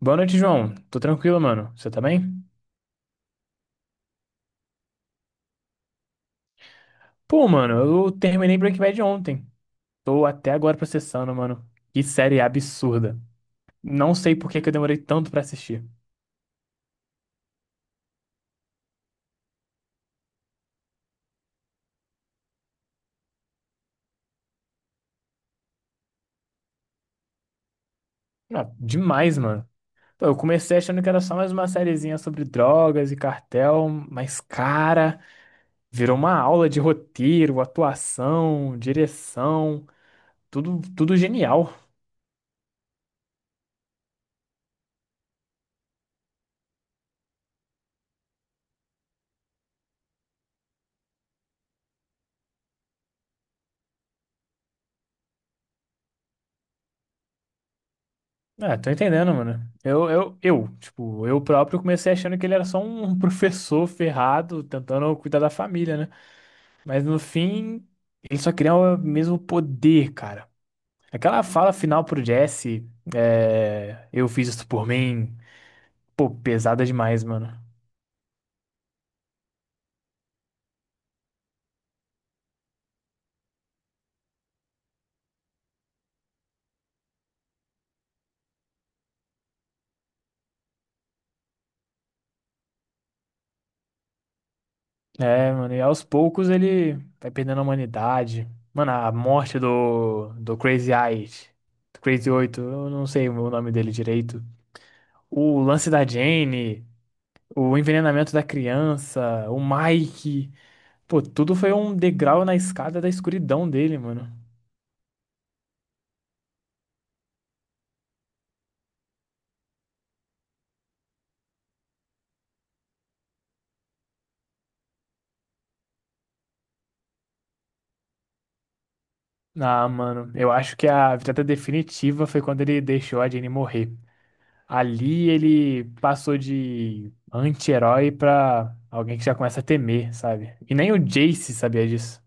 Boa noite, João. Tô tranquilo, mano. Você tá bem? Pô, mano, eu terminei Breaking Bad ontem. Tô até agora processando, mano. Que série absurda. Não sei por que que eu demorei tanto pra assistir. Não, demais, mano. Pô, eu comecei achando que era só mais uma sériezinha sobre drogas e cartel, mas, cara, virou uma aula de roteiro, atuação, direção, tudo, tudo genial. Ah, tô entendendo, mano. Eu, tipo, eu próprio comecei achando que ele era só um professor ferrado tentando cuidar da família, né? Mas no fim, ele só queria o mesmo poder, cara. Aquela fala final pro Jesse, é, eu fiz isso por mim, pô, pesada demais, mano. É, mano, e aos poucos ele vai perdendo a humanidade. Mano, a morte do Crazy Eight, do Crazy Oito, eu não sei o nome dele direito. O lance da Jane, o envenenamento da criança, o Mike. Pô, tudo foi um degrau na escada da escuridão dele, mano. Ah, mano, eu acho que a virada definitiva foi quando ele deixou a Jenny morrer. Ali ele passou de anti-herói pra alguém que já começa a temer, sabe? E nem o Jace sabia disso.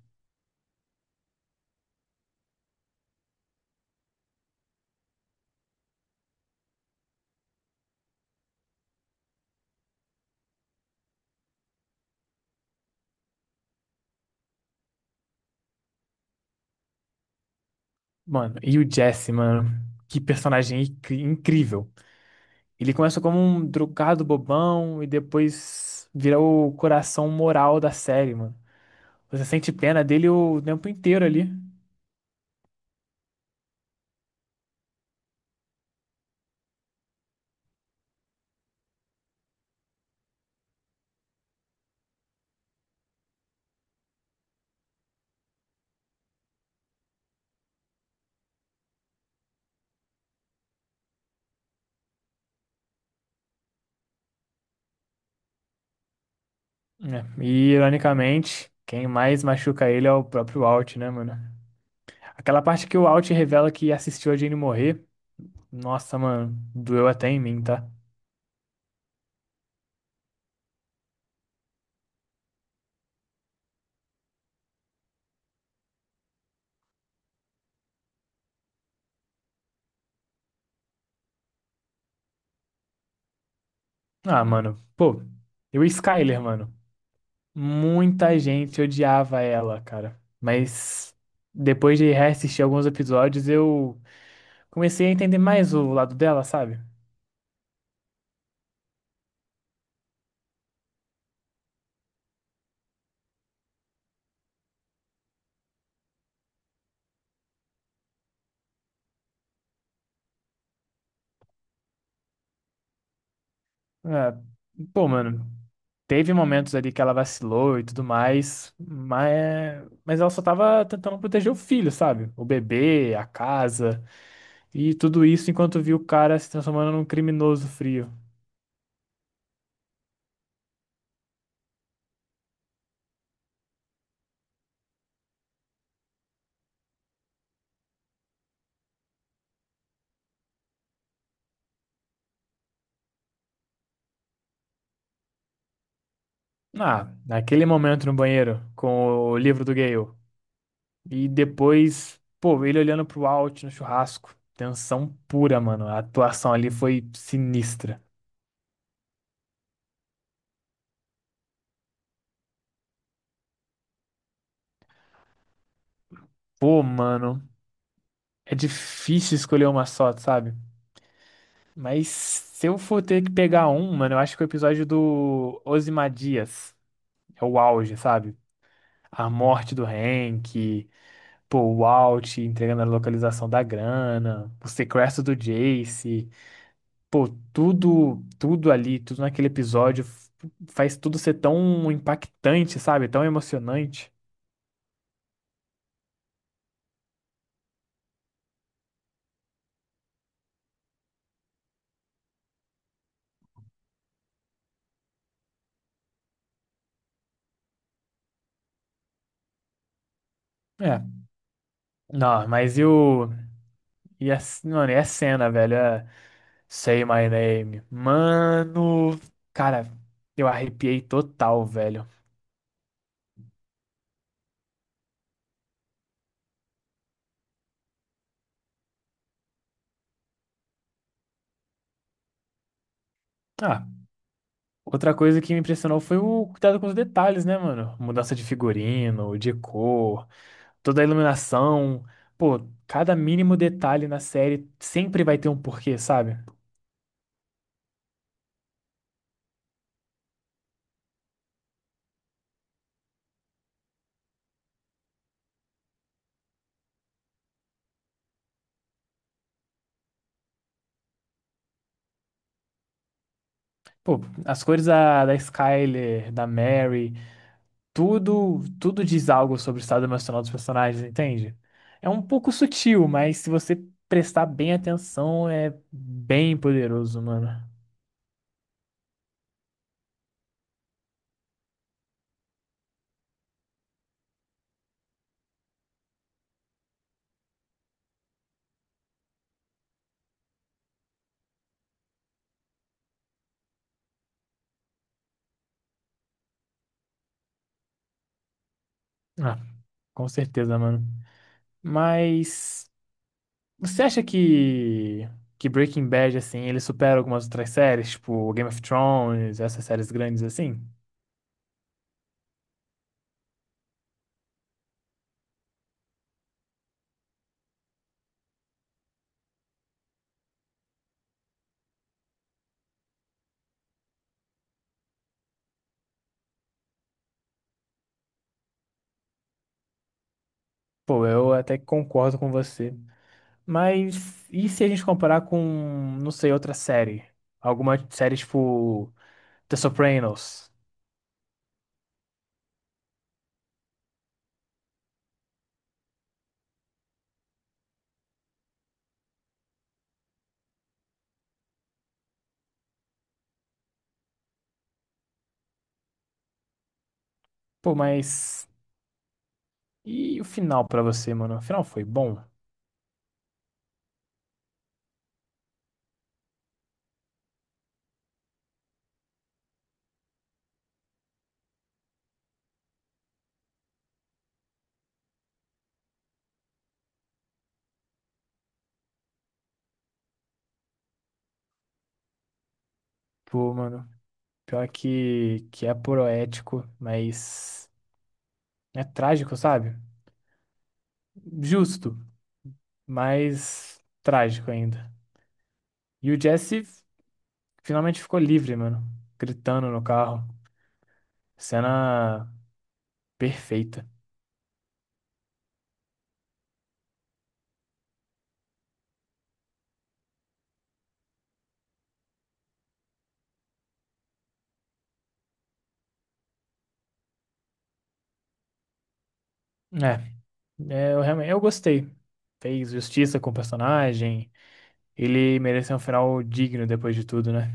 Mano, e o Jesse, mano, que personagem incrível. Ele começa como um drogado bobão e depois vira o coração moral da série, mano. Você sente pena dele o tempo inteiro ali. Né? E, ironicamente, quem mais machuca ele é o próprio Walt, né, mano? Aquela parte que o Walt revela que assistiu a Jane morrer. Nossa, mano, doeu até em mim, tá? Ah, mano, pô, e o Skyler, mano? Muita gente odiava ela, cara. Mas depois de reassistir alguns episódios, eu comecei a entender mais o lado dela, sabe? É, pô, mano, teve momentos ali que ela vacilou e tudo mais, mas ela só tava tentando proteger o filho, sabe? O bebê, a casa e tudo isso enquanto viu o cara se transformando num criminoso frio. Ah, naquele momento no banheiro com o livro do Gale. E depois, pô, ele olhando pro Walt no churrasco. Tensão pura, mano. A atuação ali foi sinistra. Pô, mano, é difícil escolher uma só, sabe? Mas se eu for ter que pegar um, mano, eu acho que o episódio do Ozymandias é o auge, sabe? A morte do Hank, pô, o Walt entregando a localização da grana, o sequestro do Jace, pô, tudo, tudo ali, tudo naquele faz tudo ser tão impactante, sabe? Tão emocionante. É, não, mas e o. E a, mano, e a cena, velho? É Say My Name. Mano, cara, eu arrepiei total, velho. Ah, outra coisa que me impressionou foi o cuidado com os detalhes, né, mano? Mudança de figurino, de cor, toda a iluminação. Pô, cada mínimo detalhe na série sempre vai ter um porquê, sabe? Pô, as cores da Skyler, da Mary, tudo, tudo diz algo sobre o estado emocional dos personagens, entende? É um pouco sutil, mas se você prestar bem atenção, é bem poderoso, mano. Ah, com certeza, mano. Mas você acha que Breaking Bad assim, ele supera algumas outras séries, tipo Game of Thrones, essas séries grandes assim? Pô, eu até que concordo com você. Mas e se a gente comparar com, não sei, outra série? Alguma série tipo The Sopranos? Pô, mas. E o final pra você, mano? O final foi bom? Pô, mano. Pior que é poético, mas. É trágico, sabe? Justo, mas trágico ainda. E o Jesse finalmente ficou livre, mano. Gritando no carro. Cena perfeita. É, é, eu realmente eu gostei. Fez justiça com o personagem. Ele mereceu um final digno depois de tudo, né?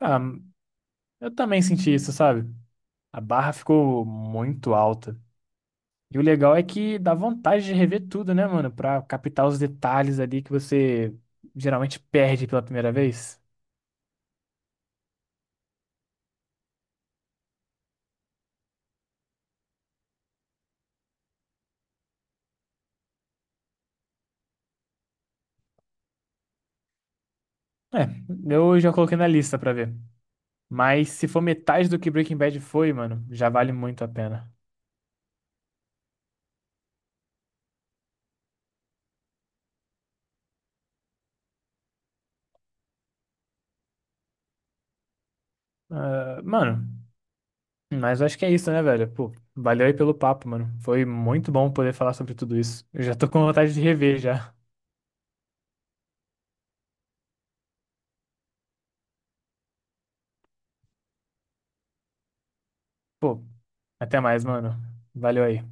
Ah, eu também senti isso, sabe? A barra ficou muito alta. E o legal é que dá vontade de rever tudo, né, mano? Pra captar os detalhes ali que você geralmente perde pela primeira vez. É, eu já coloquei na lista pra ver. Mas se for metade do que Breaking Bad foi, mano, já vale muito a pena. Ah, mano, mas eu acho que é isso, né, velho? Pô, valeu aí pelo papo, mano. Foi muito bom poder falar sobre tudo isso. Eu já tô com vontade de rever já. Pô, até mais, mano. Valeu aí.